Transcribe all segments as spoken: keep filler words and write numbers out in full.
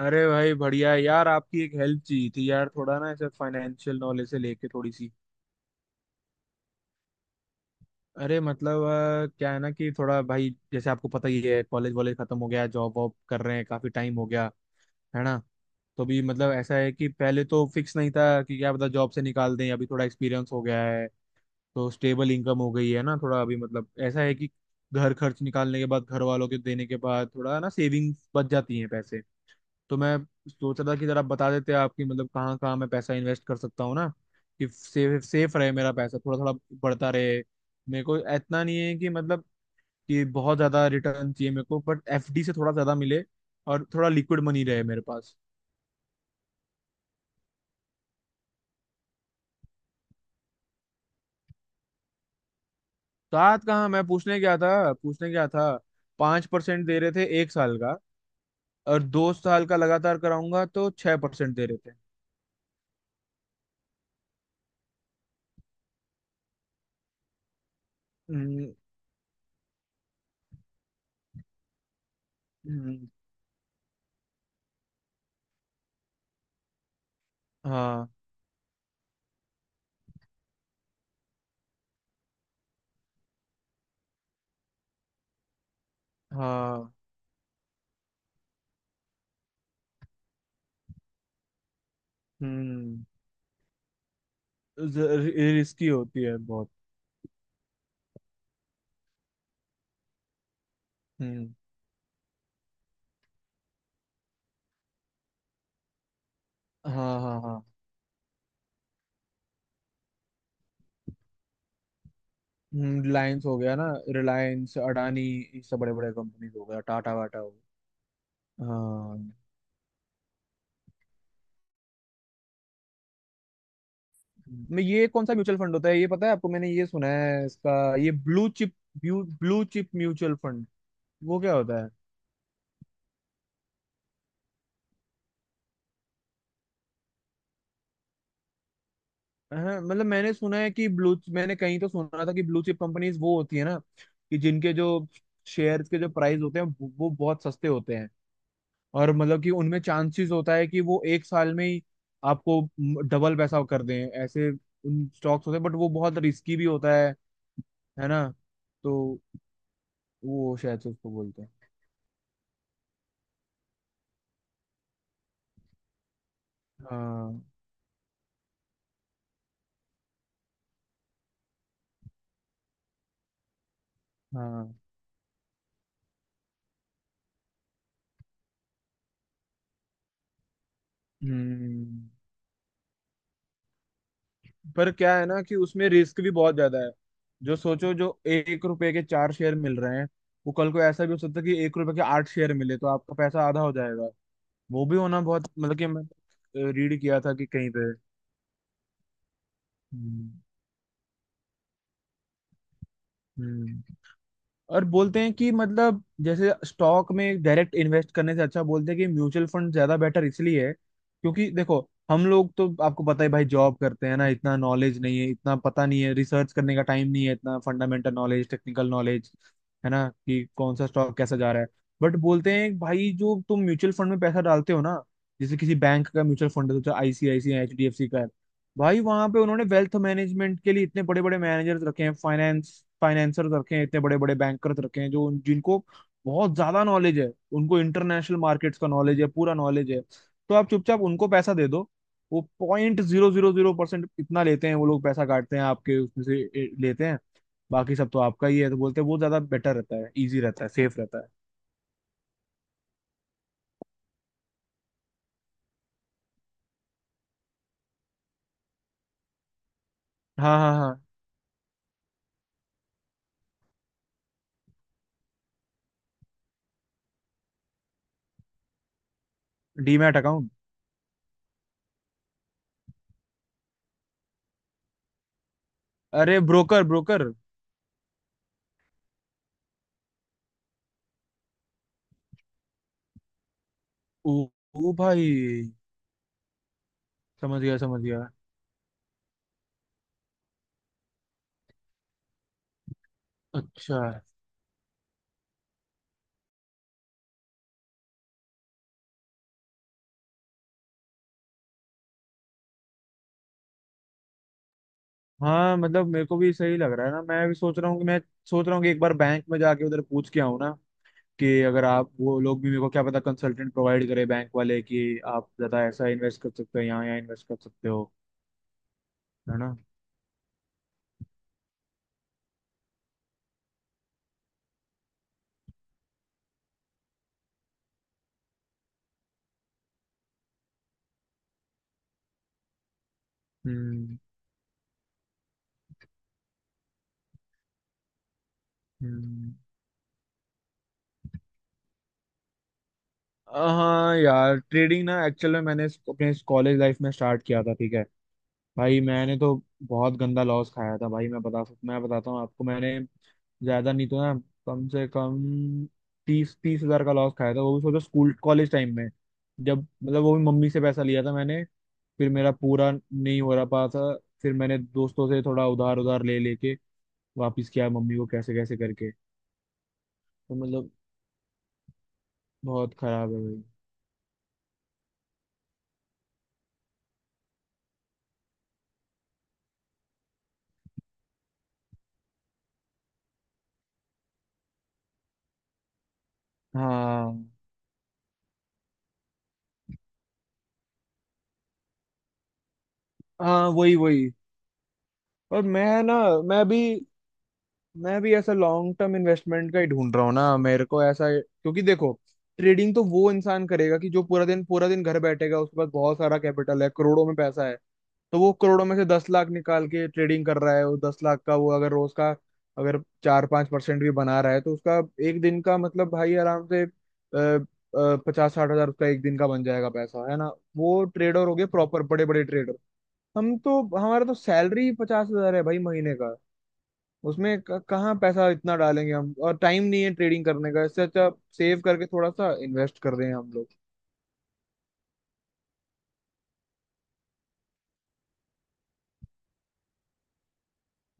अरे भाई बढ़िया है यार। आपकी एक हेल्प चाहिए थी यार, थोड़ा ना ऐसे फाइनेंशियल नॉलेज से लेके थोड़ी सी। अरे मतलब अ, क्या है ना कि थोड़ा भाई जैसे आपको पता ही है, कॉलेज वॉलेज खत्म हो गया, जॉब वॉब कर रहे हैं, काफी टाइम हो गया, है ना। तो भी मतलब ऐसा है कि पहले तो फिक्स नहीं था कि क्या पता जॉब से निकाल दें, अभी थोड़ा एक्सपीरियंस हो गया है, तो स्टेबल इनकम हो गई है ना। थोड़ा अभी मतलब ऐसा है कि घर खर्च निकालने के बाद, घर वालों के देने के बाद, थोड़ा ना सेविंग्स बच जाती हैं पैसे। तो मैं सोच रहा था कि जरा बता देते आपकी मतलब कहाँ कहाँ मैं पैसा इन्वेस्ट कर सकता हूँ ना, कि सेफ सेफ रहे मेरा पैसा, थोड़ा थोड़ा बढ़ता रहे। मेरे को इतना नहीं है कि मतलब कि बहुत ज्यादा रिटर्न चाहिए मेरे को, बट एफ डी से थोड़ा ज्यादा मिले, और थोड़ा लिक्विड मनी रहे मेरे पास। साथ कहाँ, मैं पूछने गया था, पूछने गया था, पांच परसेंट दे रहे थे एक साल का। और दो साल का लगातार कराऊंगा तो छह परसेंट दे रहे थे। हम्म। हम्म। हाँ। हाँ। हम्म। रिस्की होती है बहुत। हम्म। हाँ, हाँ, हाँ। रिलायंस हो गया ना, रिलायंस अडानी, ये सब बड़े बड़े कंपनीज हो गया, टाटा वाटा हो गया। हाँ। मैं ये कौन सा म्यूचुअल फंड होता है, ये पता है आपको? मैंने ये सुना है इसका, ये blue chip, blue chip mutual fund, वो क्या होता है? हाँ, मतलब मैंने सुना है कि ब्लू, मैंने कहीं तो सुना था कि ब्लू चिप कंपनीज वो होती है ना कि जिनके जो शेयर्स के जो प्राइस होते हैं वो वो बहुत सस्ते होते हैं, और मतलब कि उनमें चांसेस होता है कि वो एक साल में ही आपको डबल पैसा कर दें। ऐसे उन स्टॉक्स होते हैं, बट वो बहुत रिस्की भी होता है है ना। तो वो शायद से उसको बोलते हैं। हाँ, हाँ। हम्म। पर क्या है ना कि उसमें रिस्क भी बहुत ज्यादा है। जो सोचो जो एक रुपए के चार शेयर मिल रहे हैं, वो कल को ऐसा भी हो सकता है कि एक रुपए के आठ शेयर मिले तो आपका पैसा आधा हो जाएगा। वो भी होना बहुत मतलब कि मैं रीड किया था कि कहीं पे। हम्म। हम्म। और बोलते हैं कि मतलब जैसे स्टॉक में डायरेक्ट इन्वेस्ट करने से अच्छा बोलते हैं कि म्यूचुअल फंड ज्यादा बेटर इसलिए है क्योंकि देखो हम लोग तो आपको पता है भाई जॉब करते हैं ना, इतना नॉलेज नहीं है, इतना पता नहीं है, रिसर्च करने का टाइम नहीं है इतना, फंडामेंटल नॉलेज टेक्निकल नॉलेज, है ना, कि कौन सा स्टॉक कैसा जा रहा है। बट बोलते हैं भाई जो तुम म्यूचुअल फंड में पैसा डालते हो ना, जैसे किसी बैंक का म्यूचुअल फंड है तो आई सी आई सी आई, एच डी एफ सी, भाई वहां पे उन्होंने वेल्थ मैनेजमेंट के लिए इतने बड़े बड़े मैनेजर्स रखे हैं, फाइनेंस फाइनेंसर्स रखे हैं, इतने बड़े बड़े बैंकर्स रखे हैं जो जिनको बहुत ज्यादा नॉलेज है। उनको इंटरनेशनल मार्केट्स का नॉलेज है, पूरा नॉलेज है, तो आप चुपचाप उनको पैसा दे दो। वो point zero zero zero percent इतना लेते हैं वो लोग, पैसा काटते हैं आपके उसमें से ए, लेते हैं। बाकी सब तो आपका ही है, तो बोलते हैं वो ज्यादा बेटर रहता है, इजी रहता है, सेफ रहता है। हाँ, हाँ, हाँ। Demat account. अरे ब्रोकर ब्रोकर। ओ, ओ भाई, समझ गया समझ गया। अच्छा। हाँ, मतलब मेरे को भी सही लग रहा है ना, मैं भी सोच रहा हूँ कि मैं सोच रहा हूँ कि एक बार बैंक में जाके उधर पूछ के आऊँ ना। कि अगर आप, वो लोग भी मेरे को क्या पता कंसल्टेंट प्रोवाइड करे बैंक वाले, कि आप ज्यादा ऐसा इन्वेस्ट कर सकते हो, यहाँ यहाँ इन्वेस्ट कर सकते हो, है ना। हम्म। हम्म। हाँ यार, ट्रेडिंग ना एक्चुअल में मैंने इस- अपने कॉलेज लाइफ में स्टार्ट किया था, ठीक है, भाई मैंने तो बहुत गंदा लॉस खाया था भाई। मैं बता सक मैं बताता हूँ आपको, मैंने ज्यादा नहीं तो ना, कम से कम तीस तीस हजार का लॉस खाया था, वो भी सोचो स्कूल कॉलेज टाइम में जब। मतलब वो भी मम्मी से पैसा लिया था मैंने, फिर मेरा पूरा नहीं हो रहा पा था, फिर मैंने दोस्तों से थोड़ा उधार उधार ले लेके वापिस किया मम्मी को कैसे कैसे करके। तो मतलब बहुत खराब है भाई। हाँ हाँ, वही वही। और मैं ना, मैं भी मैं भी ऐसा लॉन्ग टर्म इन्वेस्टमेंट का ही ढूंढ रहा हूँ ना मेरे को ऐसा, क्योंकि देखो ट्रेडिंग तो वो इंसान करेगा कि जो पूरा दिन पूरा दिन घर बैठेगा, उसके पास बहुत सारा कैपिटल है, करोड़ों में पैसा है। तो वो करोड़ों में से दस लाख निकाल के ट्रेडिंग कर रहा है, वो दस लाख का वो अगर रोज का अगर चार पांच परसेंट भी बना रहा है तो उसका एक दिन का मतलब भाई आराम से पचास साठ हजार उसका एक दिन का बन जाएगा पैसा, है ना। वो ट्रेडर हो गए प्रॉपर, बड़े बड़े ट्रेडर। हम तो हमारा तो सैलरी पचास हजार है भाई महीने का, उसमें क- कहाँ पैसा इतना डालेंगे हम, और टाइम नहीं है ट्रेडिंग करने का, इससे अच्छा सेव करके थोड़ा सा इन्वेस्ट कर रहे हैं हम लोग।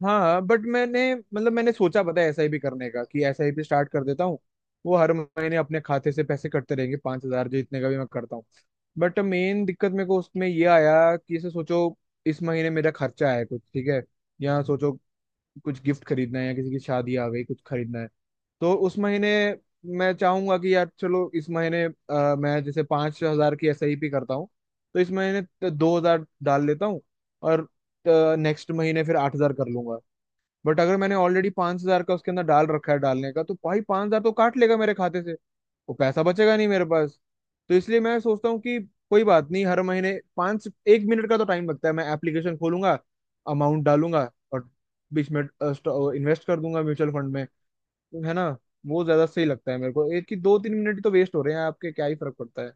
हाँ बट मैंने मतलब मैंने सोचा पता है एसआईपी करने का कि एस आई पी स्टार्ट कर देता हूँ, वो हर महीने अपने खाते से पैसे कटते रहेंगे पांच हजार, जो इतने का भी मैं करता हूँ। बट मेन दिक्कत मेरे को उसमें ये आया कि जैसे सोचो इस महीने मेरा खर्चा है कुछ, ठीक है, या सोचो कुछ गिफ्ट खरीदना है या किसी की शादी आ गई, कुछ खरीदना है तो उस महीने मैं चाहूंगा कि यार चलो इस महीने अ, मैं जैसे पांच हजार की एस आई पी करता हूँ, तो इस महीने दो हजार डाल लेता हूँ और नेक्स्ट महीने फिर आठ हजार कर लूंगा। बट अगर मैंने ऑलरेडी पांच हजार का उसके अंदर डाल रखा है डालने का तो भाई पांच हजार तो काट लेगा मेरे खाते से, वो पैसा बचेगा नहीं मेरे पास। तो इसलिए मैं सोचता हूँ कि कोई बात नहीं, हर महीने पाँच एक मिनट का तो टाइम लगता है, मैं एप्लीकेशन खोलूंगा, अमाउंट डालूंगा, और बीच में इन्वेस्ट कर दूंगा म्यूचुअल फंड में, तो है ना। वो ज्यादा सही लगता है मेरे को, एक की दो तीन मिनट तो वेस्ट हो रहे हैं आपके, क्या ही फर्क पड़ता है।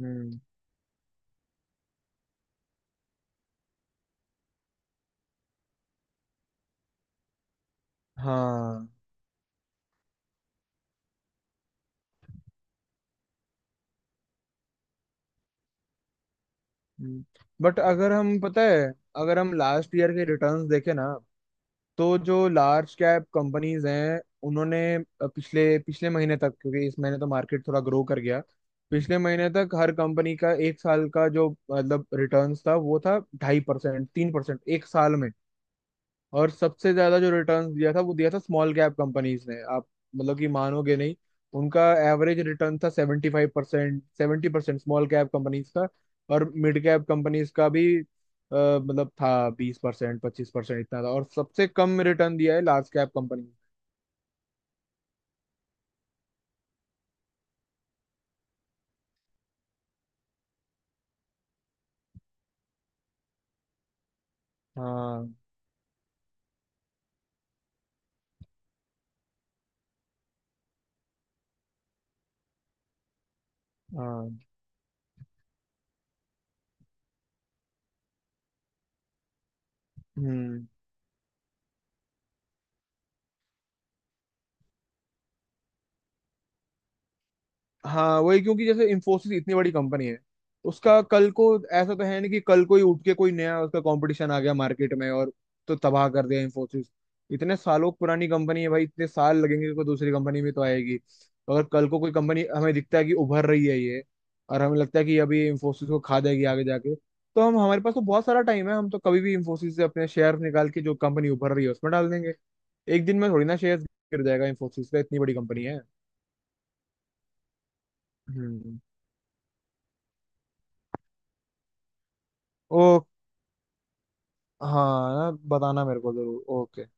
हम्म। हाँ बट अगर हम पता है अगर हम लास्ट ईयर के रिटर्न्स देखें ना, तो जो लार्ज कैप कंपनीज हैं उन्होंने अ, पिछले पिछले महीने तक, क्योंकि इस महीने तो मार्केट थोड़ा ग्रो कर गया, पिछले महीने तक हर कंपनी का एक साल का जो मतलब रिटर्न्स था, वो था ढाई परसेंट तीन परसेंट एक साल में। और सबसे ज्यादा जो रिटर्न दिया था वो दिया था स्मॉल कैप कंपनीज ने, आप मतलब कि मानोगे नहीं, उनका एवरेज रिटर्न था seventy five percent seventy percent small cap companies का। और मिड कैप कंपनीज का भी अ, मतलब था बीस परसेंट पच्चीस परसेंट, इतना था, और सबसे कम रिटर्न दिया है लार्ज कैप कंपनी। हाँ, हाँ। हम्म। हाँ वही, क्योंकि जैसे इंफोसिस इतनी बड़ी कंपनी है तो उसका कल को ऐसा तो है नहीं कि कल कोई उठ के कोई नया उसका कंपटीशन आ गया मार्केट में और तो तबाह कर दिया इंफोसिस। इतने सालों पुरानी कंपनी है भाई, इतने साल लगेंगे कोई दूसरी कंपनी में तो आएगी, तो अगर कल को कोई कंपनी हमें दिखता है कि उभर रही है ये, और हमें लगता है कि अभी इंफोसिस को खा जाएगी आगे जाके, तो हम हमारे पास तो बहुत सारा टाइम है, हम तो कभी भी इंफोसिस से अपने शेयर निकाल के जो कंपनी उभर रही है उसमें डाल देंगे। एक दिन में थोड़ी ना शेयर गिर जाएगा इंफोसिस का, इतनी बड़ी कंपनी है। हम्म। हाँ ना बताना मेरे को जरूर, ओके।